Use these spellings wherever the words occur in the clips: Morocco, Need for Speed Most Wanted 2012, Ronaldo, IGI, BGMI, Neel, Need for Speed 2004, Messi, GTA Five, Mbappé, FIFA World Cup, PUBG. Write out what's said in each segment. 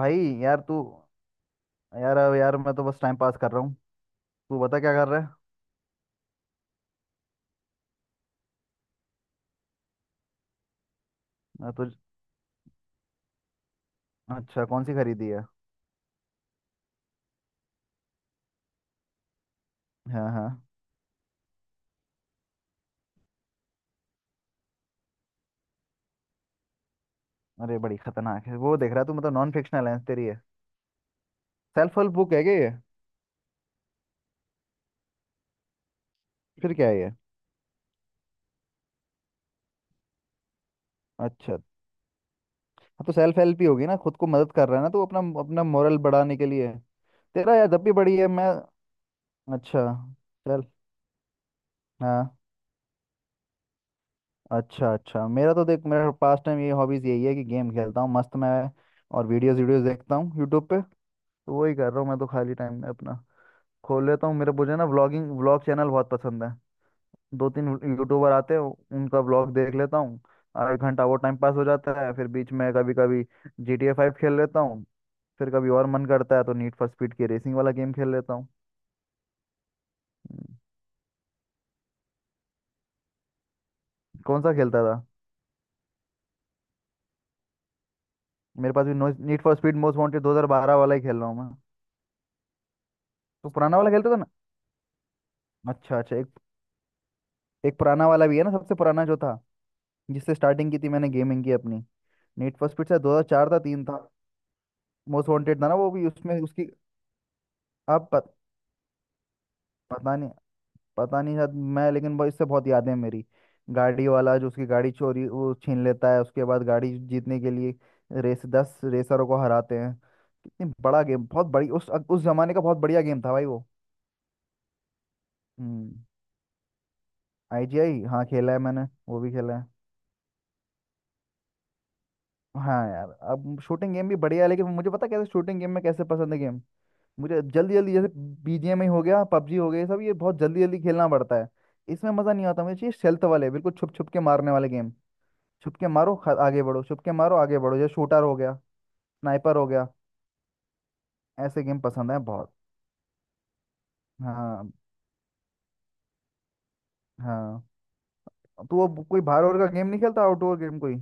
भाई। यार तू। यार अब यार मैं तो बस टाइम पास कर रहा हूँ। तू बता क्या कर रहा है। मैं तुझ अच्छा कौन सी खरीदी है। हाँ हाँ। अरे बड़ी खतरनाक है वो देख रहा है तू। मतलब नॉन फिक्शनल है तेरी है। सेल्फ हेल्प बुक है क्या ये। फिर क्या है ये। अच्छा। हाँ तो सेल्फ हेल्प ही होगी ना खुद को मदद कर रहा है ना तू अपना अपना मोरल बढ़ाने के लिए। तेरा यार जब भी बड़ी है मैं। अच्छा। चल। हाँ। अच्छा अच्छा मेरा तो देख मेरा पास टाइम ये हॉबीज यही है कि गेम खेलता हूँ मस्त मैं। और वीडियोस वीडियोस देखता हूँ यूट्यूब पे। तो वही कर रहा हूँ मैं तो खाली टाइम में अपना खोल लेता हूँ। मेरे मुझे ना व्लॉगिंग व्लॉग चैनल बहुत पसंद है। दो तीन यूट्यूबर आते हैं। उनका व्लॉग देख लेता हूँ। आधा घंटा वो टाइम पास हो जाता है। फिर बीच में कभी कभी जी टी ए फाइव खेल लेता हूँ। फिर कभी और मन करता है तो नीड फॉर स्पीड की रेसिंग वाला गेम खेल लेता हूँ। हम्म, कौन सा खेलता था। मेरे पास भी Need for Speed Most Wanted 2012 वाला ही खेल रहा हूँ मैं। तो पुराना वाला खेलता था ना। अच्छा अच्छा। एक एक पुराना वाला भी है ना सबसे पुराना जो था जिससे स्टार्टिंग की थी मैंने गेमिंग की अपनी। नीड फॉर स्पीड से 2004 था तीन था। मोस्ट वांटेड था ना वो भी उसमें उसकी। आप पत, पता नहीं। पता नहीं शायद। मैं लेकिन वो इससे बहुत यादें हैं मेरी। गाड़ी वाला जो उसकी गाड़ी चोरी वो छीन लेता है उसके बाद गाड़ी जीतने के लिए रेस 10 रेसरों को हराते हैं। कितनी बड़ा गेम। बहुत बड़ी उस जमाने का बहुत बढ़िया गेम था भाई वो। हम्म। आईजीआई हाँ खेला है मैंने। वो भी खेला है। हाँ यार अब शूटिंग गेम भी बढ़िया है लेकिन मुझे पता कैसे शूटिंग गेम में कैसे पसंद है गेम। मुझे जल्दी जल्दी जैसे बीजीएमआई हो गया पबजी हो गया ये सब ये बहुत जल्दी जल्दी खेलना पड़ता है। इसमें मज़ा नहीं आता। मुझे चाहिए stealth वाले बिल्कुल छुप छुप के मारने वाले गेम। छुपके मारो आगे बढ़ो छुपके मारो आगे बढ़ो जैसे शूटर हो गया स्नाइपर हो गया। ऐसे गेम पसंद है बहुत। हाँ। हाँ। तो वो कोई बाहर और का गेम नहीं खेलता आउटडोर गेम कोई।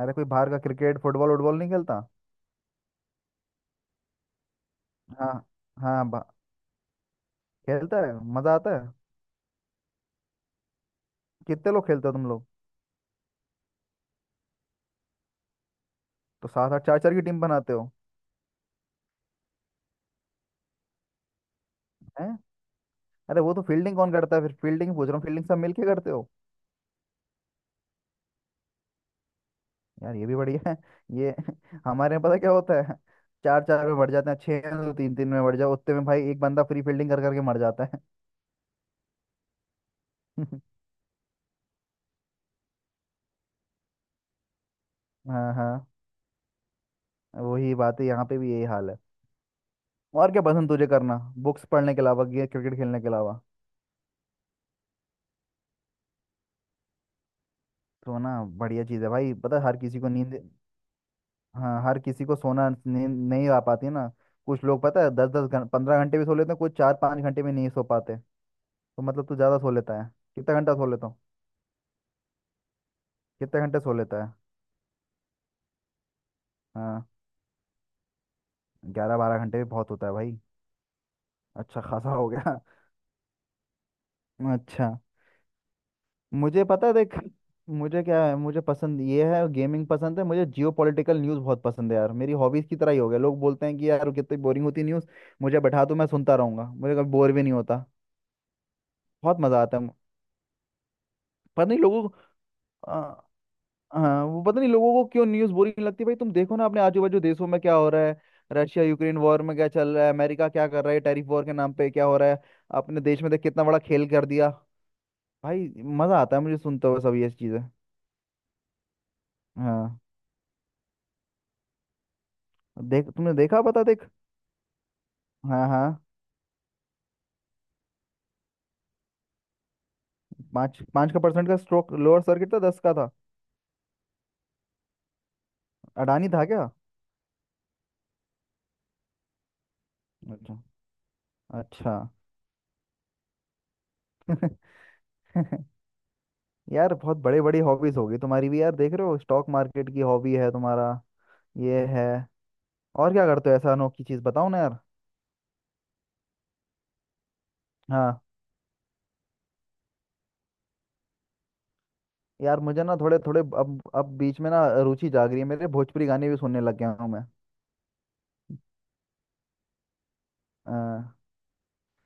अरे कोई बाहर का क्रिकेट फुटबॉल वुटबॉल नहीं खेलता। हाँ। हाँ बा- खेलता है मजा आता है। कितने लोग खेलते हो तुम लोग। तो सात आठ चार चार की टीम बनाते हो। हैं। अरे वो तो फील्डिंग कौन करता है फिर। फील्डिंग पूछ रहा हूँ। फील्डिंग सब मिलके करते हो। यार ये भी बढ़िया है ये हमारे यहाँ पता क्या होता है। चार चार में बढ़ जाते हैं छह हैं तो तीन तीन में बढ़ जाओ। उतने में भाई एक बंदा फ्री फील्डिंग कर करके मर जाता है। हाँ हाँ। वही बात है यहाँ पे भी यही हाल है। और क्या पसंद तुझे करना बुक्स पढ़ने के अलावा या क्रिकेट खेलने के अलावा। सोना। बढ़िया चीज़ है भाई। पता है हर किसी को नींद। हाँ हर किसी को सोना नींद नहीं आ पाती है ना। कुछ लोग पता है 10-10 घंटे 15 घंटे भी सो लेते हैं कुछ 4-5 घंटे भी नहीं सो पाते। तो मतलब तू ज़्यादा सो लेता है। कितना घंटा सो लेता हूँ। कितने घंटे सो लेता है। हाँ 11-12 घंटे भी बहुत होता है भाई। अच्छा खासा हो गया। अच्छा। मुझे पता है देख। मुझे क्या है मुझे पसंद ये है। गेमिंग पसंद है। मुझे जियो पॉलिटिकल न्यूज़ बहुत पसंद है यार। मेरी हॉबीज़ की तरह ही हो गया। लोग बोलते हैं कि यार कितनी बोरिंग होती न्यूज़। मुझे बैठा दो मैं सुनता रहूंगा मुझे कभी बोर भी नहीं होता। बहुत मज़ा आता है। पता नहीं लोगों को। अ, हाँ वो पता नहीं लोगों को क्यों न्यूज़ बोरिंग लगती है भाई। तुम देखो ना अपने आजू बाजू देशों में क्या हो रहा है। रशिया यूक्रेन वॉर में क्या चल रहा है। अमेरिका क्या कर रहा है टैरिफ वॉर के नाम पे क्या हो रहा है। अपने देश में देख कितना बड़ा खेल कर दिया भाई। मज़ा आता है मुझे सुनते हुए सब ये चीज़ें। हाँ। देख तुमने देखा पता देख। हाँ हाँ। पाँच पाँच का परसेंट का स्ट्रोक लोअर सर्किट था 10 का था। अडानी था क्या। अच्छा। अच्छा। यार बहुत बड़े बड़ी हॉबीज होगी तुम्हारी भी। यार देख रहे हो स्टॉक मार्केट की हॉबी है तुम्हारा। ये है। और क्या करते हो ऐसा अनोखी चीज बताओ ना यार। हाँ यार मुझे ना थोड़े थोड़े अब बीच में ना रुचि जाग रही है मेरे। भोजपुरी गाने भी सुनने लग गया हूँ मैं। अ,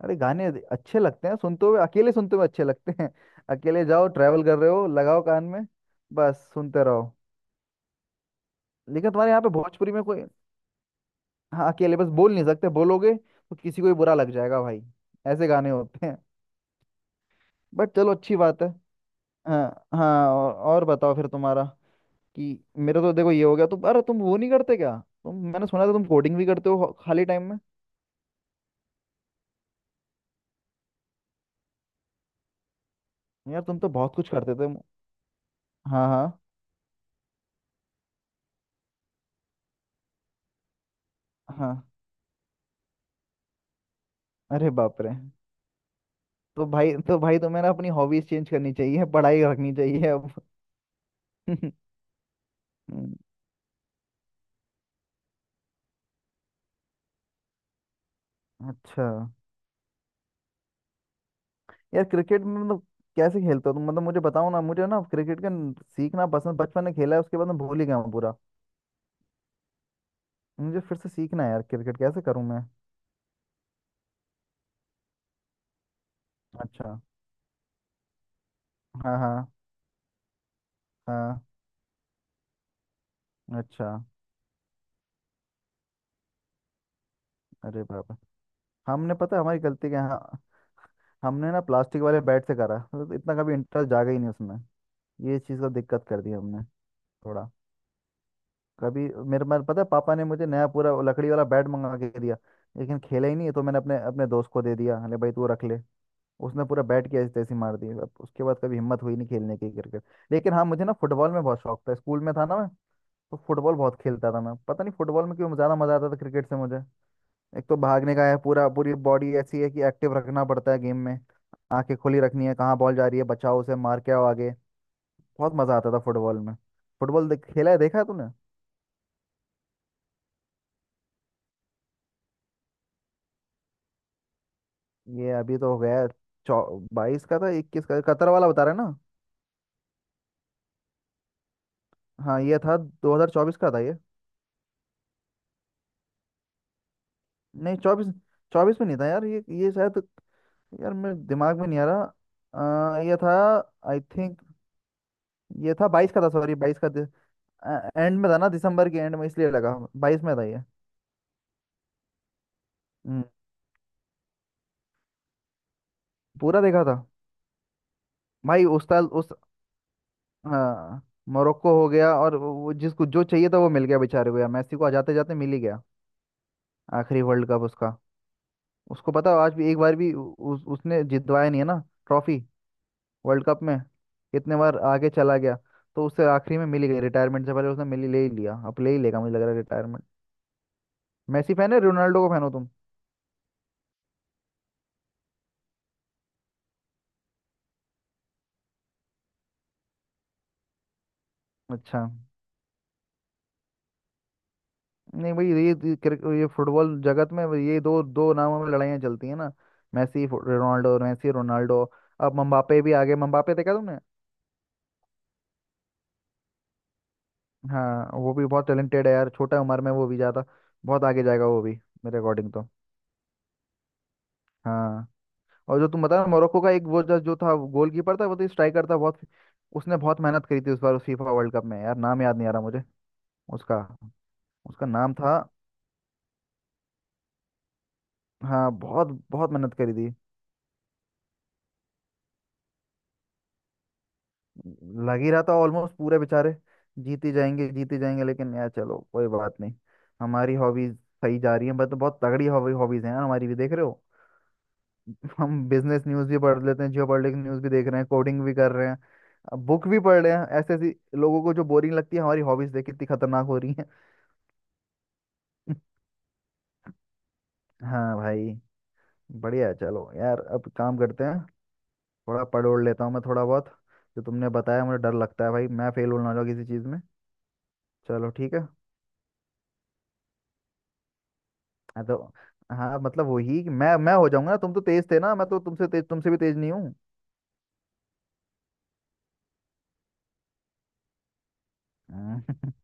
अरे गाने अच्छे लगते हैं सुनते हुए अकेले सुनते हुए अच्छे लगते हैं अकेले जाओ ट्रैवल कर रहे हो लगाओ कान में बस सुनते रहो। लेकिन तुम्हारे यहाँ पे भोजपुरी में कोई। हाँ अकेले बस बोल नहीं सकते बोलोगे तो किसी को भी बुरा लग जाएगा भाई। ऐसे गाने होते हैं। बट चलो अच्छी बात है। हाँ हाँ। और बताओ फिर तुम्हारा। कि मेरा तो देखो ये हो गया। तुम अरे तुम वो नहीं करते क्या। तुम मैंने सुना था तुम कोडिंग भी करते हो खाली टाइम में। यार तुम तो बहुत कुछ करते थे। हाँ। हाँ। हाँ। अरे बाप रे। तो भाई तुम्हें ना अपनी हॉबीज चेंज करनी चाहिए पढ़ाई रखनी चाहिए अब। हम्म, अच्छा। यार क्रिकेट में मतलब कैसे खेलते हो तुम मतलब मुझे बताओ ना। मुझे ना क्रिकेट का सीखना पसंद। बचपन में खेला है उसके बाद मैं भूल ही गया हूँ पूरा। मुझे फिर से सीखना है यार। क्रिकेट कैसे करूँ मैं। अच्छा। हाँ हाँ। हाँ। अच्छा। अरे बाबा। हमने पता है हमारी गलती क्या है? हाँ। हमने ना प्लास्टिक वाले बैट से करा मतलब इतना कभी इंटरेस्ट जागा ही नहीं उसमें। ये चीज़ का दिक्कत कर दी हमने। थोड़ा। कभी। मेरे मेरे पता है पापा ने मुझे नया पूरा लकड़ी वाला बैट मंगा के दिया। लेकिन खेला ही नहीं तो मैंने अपने अपने दोस्त को दे दिया अरे भाई तू रख ले। उसने पूरा बैट की ऐसी तैसी मार दी। अब उसके बाद कभी हिम्मत हुई नहीं खेलने की क्रिकेट। लेकिन हाँ मुझे ना फुटबॉल में बहुत शौक था स्कूल में था ना मैं। तो फुटबॉल बहुत खेलता था मैं। पता नहीं फुटबॉल में क्यों ज्यादा मजा आता था क्रिकेट से मुझे। एक तो भागने का है पूरा। पूरी बॉडी ऐसी है कि एक्टिव रखना पड़ता है गेम में। आंखें खुली रखनी है कहाँ बॉल जा रही है बचाओ उसे मार के आओ आगे। बहुत मजा आता था फुटबॉल में। फुटबॉल देख, खेला है देखा है तूने। ये अभी तो हो गया। चौ बाईस का था। इक्कीस का कतर वाला बता रहे हैं ना। हाँ ये था 2024 का था ये। नहीं चौबीस। चौबीस में नहीं था यार ये शायद। यार मेरे दिमाग में नहीं आ रहा। ये था आई थिंक। ये था बाईस का था सॉरी बाईस का। एंड में था ना दिसंबर के एंड में इसलिए लगा। बाईस में था ये। हम्म, पूरा देखा था। भाई उस साल उस। हाँ। मोरक्को हो गया और वो जिसको जो चाहिए था वो मिल गया बेचारे को। यार मैसी को जाते जाते मिल ही गया आखिरी वर्ल्ड कप उसका। उसको पता आज भी एक बार भी उ- उस उसने जितवाया नहीं है ना ट्रॉफी वर्ल्ड कप में। कितने बार आगे चला गया। तो उससे आखिरी में मिल ही गई रिटायरमेंट से पहले। उसने मिल ही ले ही लिया अब ले ही लेगा मुझे लग रहा है। मैसी फैन है रोनाल्डो को फैन हो तुम। अच्छा। नहीं भाई ये फुटबॉल जगत में ये दो दो नामों में लड़ाइयाँ चलती हैं ना। Messi Ronaldo Messi Ronaldo. अब मम्बापे भी आगे। मम्बापे देखा तुमने। हाँ वो भी बहुत टैलेंटेड है यार छोटा उम्र में वो भी ज़्यादा। बहुत आगे जाएगा वो भी मेरे अकॉर्डिंग तो। हाँ। और जो तुम बता रहे हो, मोरक्को का एक वो जो जो था गोलकीपर था वो तो स्ट्राइकर था बहुत। उसने बहुत मेहनत करी थी उस बार उस फीफा वर्ल्ड कप में। यार नाम याद नहीं आ रहा मुझे उसका। उसका नाम था। हाँ बहुत बहुत मेहनत करी थी। लग ही रहा था ऑलमोस्ट पूरे बेचारे जीत ही जाएंगे लेकिन यार चलो कोई बात नहीं। हमारी हॉबीज सही जा रही है बट बहुत तगड़ी हॉबी हॉबीज हैं यार हमारी भी देख रहे हो हम बिजनेस न्यूज भी पढ़ लेते हैं जियोपॉलिटिक्स न्यूज भी देख रहे हैं कोडिंग भी कर रहे हैं बुक भी पढ़ रहे हैं। ऐसे ऐसी लोगों को जो बोरिंग लगती है हमारी हॉबीज देख कितनी खतरनाक हो रही है। हाँ भाई। बढ़िया है चलो यार अब काम करते हैं। थोड़ा पढ़ ओढ़ लेता हूँ मैं थोड़ा बहुत। जो तुमने बताया मुझे डर लगता है भाई मैं फेल हो ना हो जाऊँ किसी चीज़ में। चलो ठीक है। हाँ तो। हाँ मतलब वही कि मैं हो जाऊंगा ना। तुम तो तेज थे ना मैं तो तुमसे तेज तुमसे भी तेज नहीं हूँ। हम्म।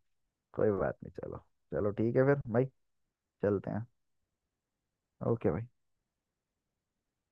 कोई बात नहीं चलो। चलो ठीक है फिर भाई। चलते हैं। ओके भाई।